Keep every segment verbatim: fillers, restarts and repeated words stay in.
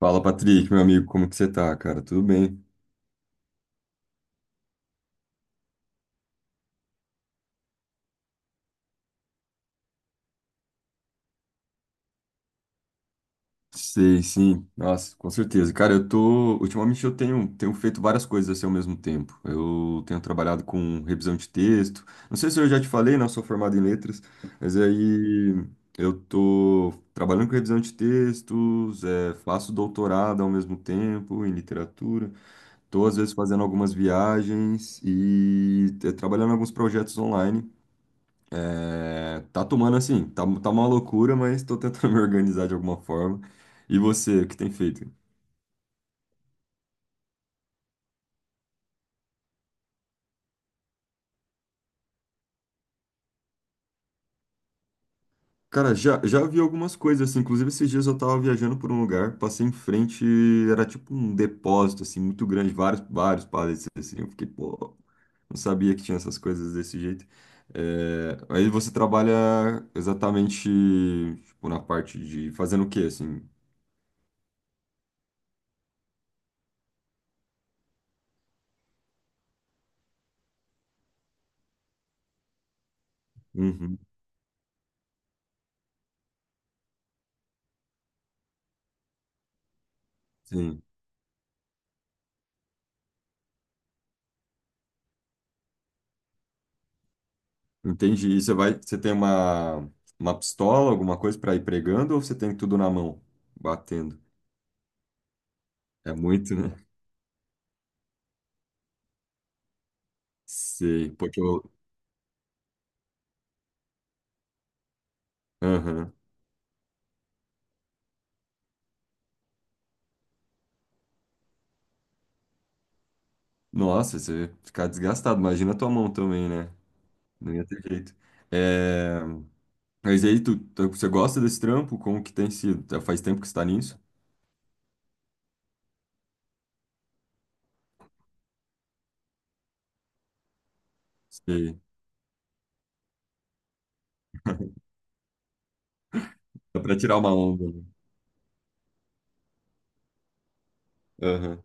Fala, Patrick, meu amigo, como que você tá, cara? Tudo bem? Sei, sim. Nossa, com certeza. Cara, eu tô. Ultimamente eu tenho, tenho feito várias coisas assim ao mesmo tempo. Eu tenho trabalhado com revisão de texto. Não sei se eu já te falei, não, sou formado em letras, mas aí eu tô trabalhando com revisão de textos, é, faço doutorado ao mesmo tempo em literatura. Tô, às vezes, fazendo algumas viagens e é, trabalhando em alguns projetos online. É, tá tomando assim, tá, tá uma loucura, mas tô tentando me organizar de alguma forma. E você, o que tem feito? Cara, já, já vi algumas coisas, assim, inclusive esses dias eu tava viajando por um lugar, passei em frente, era tipo um depósito, assim, muito grande, vários, vários pallets, assim, eu fiquei, pô, não sabia que tinha essas coisas desse jeito. É, aí você trabalha exatamente, tipo, na parte de fazendo o quê, assim? Uhum, sim. Entendi. E você vai, você tem uma, uma pistola, alguma coisa para ir pregando ou você tem tudo na mão, batendo? É muito, né? Sei, porque eu. Aham. Nossa, você ia ficar desgastado. Imagina a tua mão também, né? Não ia ter jeito. É. Mas aí, tu, tu- você gosta desse trampo? Como que tem sido? Faz tempo que você tá nisso? Sei. Dá pra tirar uma onda, né?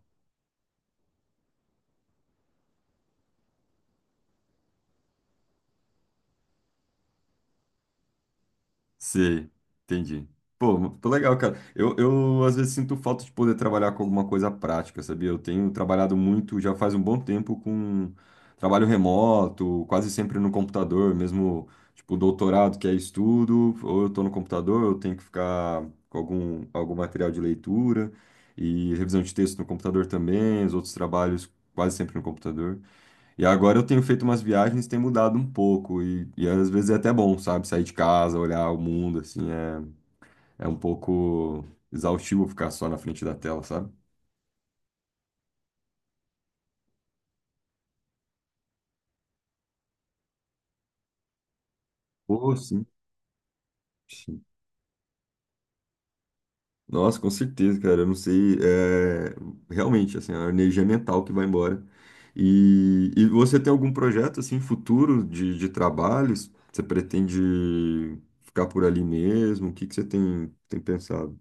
Sei, entendi. Pô, tô legal, cara. Eu, eu às vezes sinto falta de poder trabalhar com alguma coisa prática, sabia? Eu tenho trabalhado muito, já faz um bom tempo, com trabalho remoto, quase sempre no computador, mesmo tipo doutorado, que é estudo, ou eu tô no computador, eu tenho que ficar com algum, algum material de leitura e revisão de texto no computador também, os outros trabalhos quase sempre no computador. E agora eu tenho feito umas viagens, tem mudado um pouco, e, e às vezes é até bom, sabe? Sair de casa, olhar o mundo, assim, é, é um pouco exaustivo ficar só na frente da tela, sabe? Pô, sim. Sim. Nossa, com certeza, cara, eu não sei, é, realmente, assim, é a energia mental que vai embora. E, e você tem algum projeto, assim, futuro de, de trabalhos? Você pretende ficar por ali mesmo? O que que você tem, tem pensado?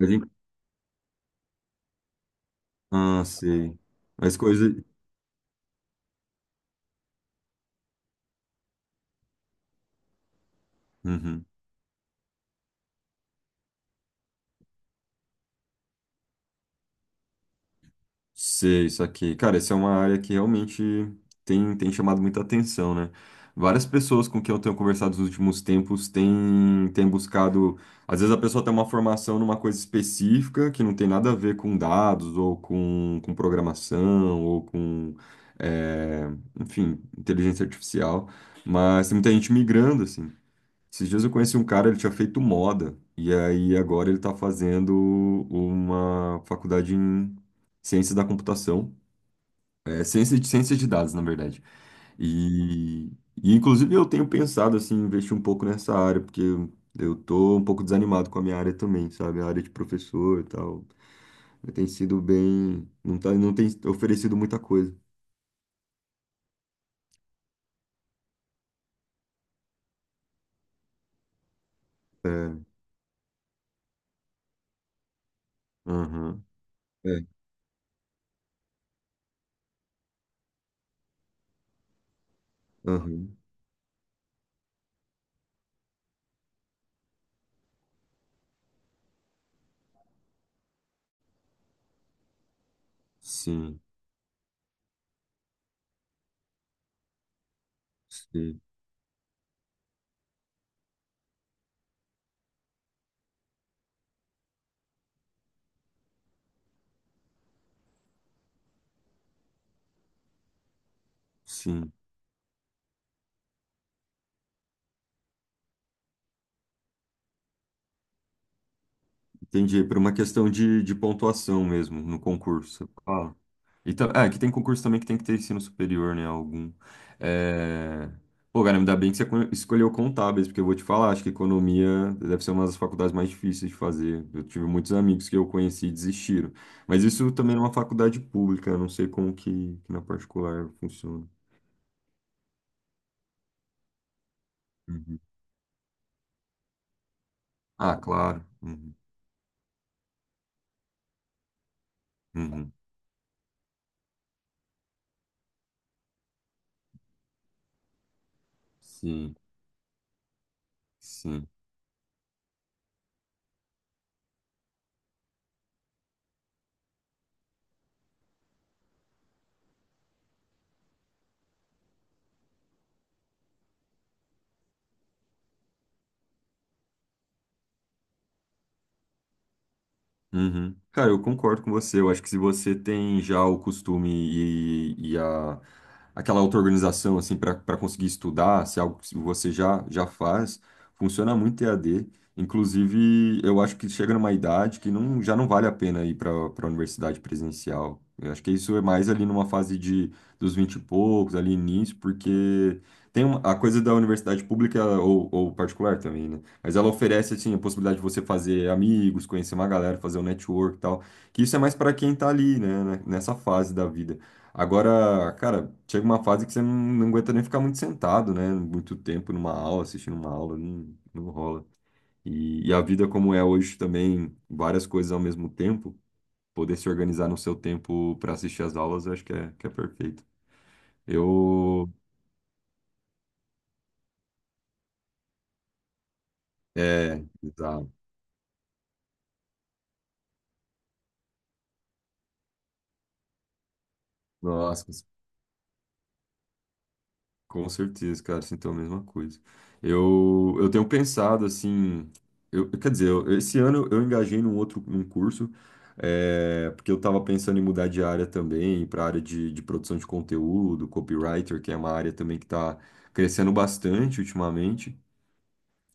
A gente. Ah, sei. As coisas. Uhum. Sei, isso aqui. Cara, essa é uma área que realmente tem, tem chamado muita atenção, né? Várias pessoas com quem eu tenho conversado nos últimos tempos têm, têm buscado. Às vezes a pessoa tem uma formação numa coisa específica que não tem nada a ver com dados, ou com, com programação, ou com, é, enfim, inteligência artificial. Mas tem muita gente migrando, assim. Esses dias eu conheci um cara, ele tinha feito moda, e aí agora ele está fazendo uma faculdade em ciência da computação, é, ciência de ciência de dados, na verdade. E, e inclusive eu tenho pensado assim, em investir um pouco nessa área, porque eu tô um pouco desanimado com a minha área também, sabe? A área de professor e tal. Tem sido bem. Não tá, não tem oferecido muita coisa. É, aham, é, aham, sim, sim, sim. Entendi, por uma questão de, de pontuação mesmo no concurso. Ah. Então, é, que tem concurso também que tem que ter ensino superior, né? Algum. É. Pô, cara, ainda bem que você co- escolheu contábeis, porque eu vou te falar, acho que economia deve ser uma das faculdades mais difíceis de fazer. Eu tive muitos amigos que eu conheci e desistiram. Mas isso também é uma faculdade pública, eu não sei como que, que na particular funciona. Uhum. Ah, claro. Uhum. Uhum. Sim, sim. Uhum. Cara, eu concordo com você. Eu acho que se você tem já o costume e, e a, aquela auto-organização assim, para para conseguir estudar, se é algo que você já, já faz, funciona muito E A D. Inclusive, eu acho que chega numa idade que não, já não vale a pena ir para a universidade presencial. Eu acho que isso é mais ali numa fase de, dos vinte e poucos, ali início, porque tem uma, a coisa da universidade pública ou, ou particular também, né? Mas ela oferece, assim, a possibilidade de você fazer amigos, conhecer uma galera, fazer um network e tal. Que isso é mais para quem tá ali, né? né, Nessa fase da vida. Agora, cara, chega uma fase que você não, não aguenta nem ficar muito sentado, né? Muito tempo numa aula, assistindo uma aula, não, não rola. E, e a vida como é hoje também, várias coisas ao mesmo tempo, poder se organizar no seu tempo para assistir as aulas, eu acho que é, que é perfeito. Eu. É, exato. Nossa, com certeza, cara, sinto a mesma coisa. Eu, eu tenho pensado assim, eu, quer dizer, eu- esse ano eu engajei num outro num curso, é, porque eu estava pensando em mudar de área também, para a área de, de produção de conteúdo, copywriter, que é uma área também que está crescendo bastante ultimamente.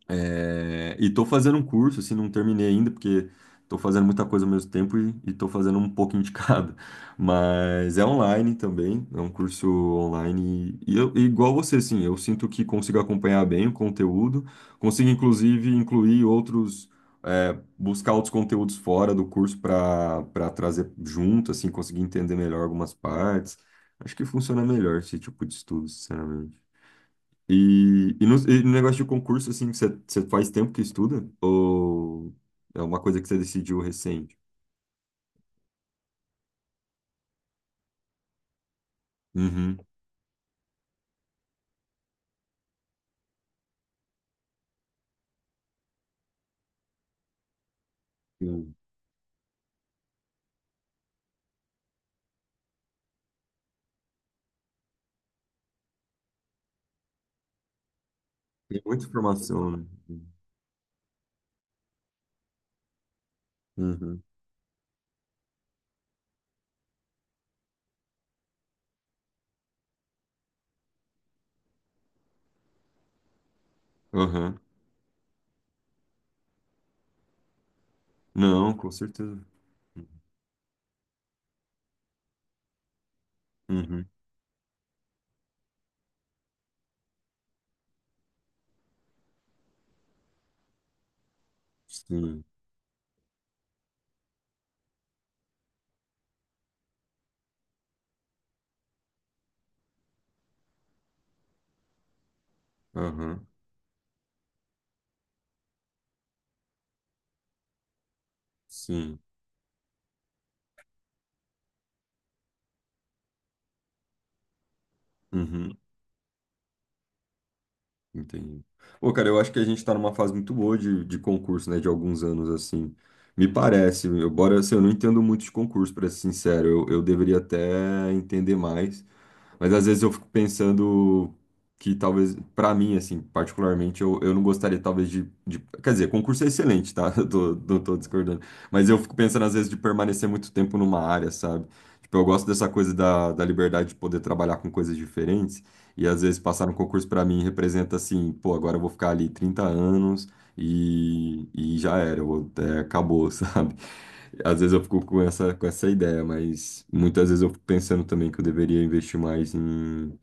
É, e tô fazendo um curso, assim, não terminei ainda, porque tô fazendo muita coisa ao mesmo tempo e, e tô fazendo um pouco indicado. Mas é online também, é um curso online. E, e eu, e igual você, assim, eu sinto que consigo acompanhar bem o conteúdo, consigo, inclusive, incluir outros, é, buscar outros conteúdos fora do curso para para trazer junto, assim, conseguir entender melhor algumas partes. Acho que funciona melhor esse tipo de estudo, sinceramente. E, e, no, e no negócio de concurso, assim, você você faz tempo que estuda? Ou é uma coisa que você decidiu recente? Uhum. Sim. Tem muita informação, né? Uhum. Aham. Não, com certeza. Uhum. Sim. Aham. Sim. Uhum. Entendi. Pô, cara, eu acho que a gente tá numa fase muito boa de, de concurso, né? De alguns anos, assim. Me parece, embora assim, eu não entendo muito de concurso, pra ser sincero. Eu, eu deveria até entender mais. Mas às vezes eu fico pensando que talvez, pra mim, assim, particularmente, eu, eu não gostaria talvez de, de- Quer dizer, concurso é excelente, tá? Eu tô, não tô discordando. Mas eu fico pensando às vezes de permanecer muito tempo numa área, sabe? Tipo, eu gosto dessa coisa da, da, liberdade de poder trabalhar com coisas diferentes. E às vezes passar no concurso pra mim representa assim, pô, agora eu vou ficar ali trinta anos e, e já era, eu vou- é, acabou, sabe? Às vezes eu fico com essa, com essa, ideia, mas muitas vezes eu fico pensando também que eu deveria investir mais em,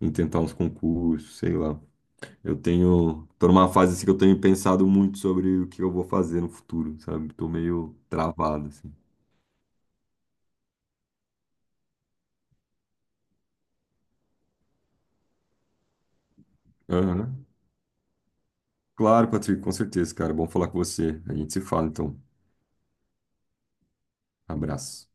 em tentar uns concursos, sei lá. Eu tenho, tô numa fase assim que eu tenho pensado muito sobre o que eu vou fazer no futuro, sabe? Tô meio travado, assim. Aham. Claro, Patrick, com certeza, cara. Bom falar com você. A gente se fala, então. Abraço.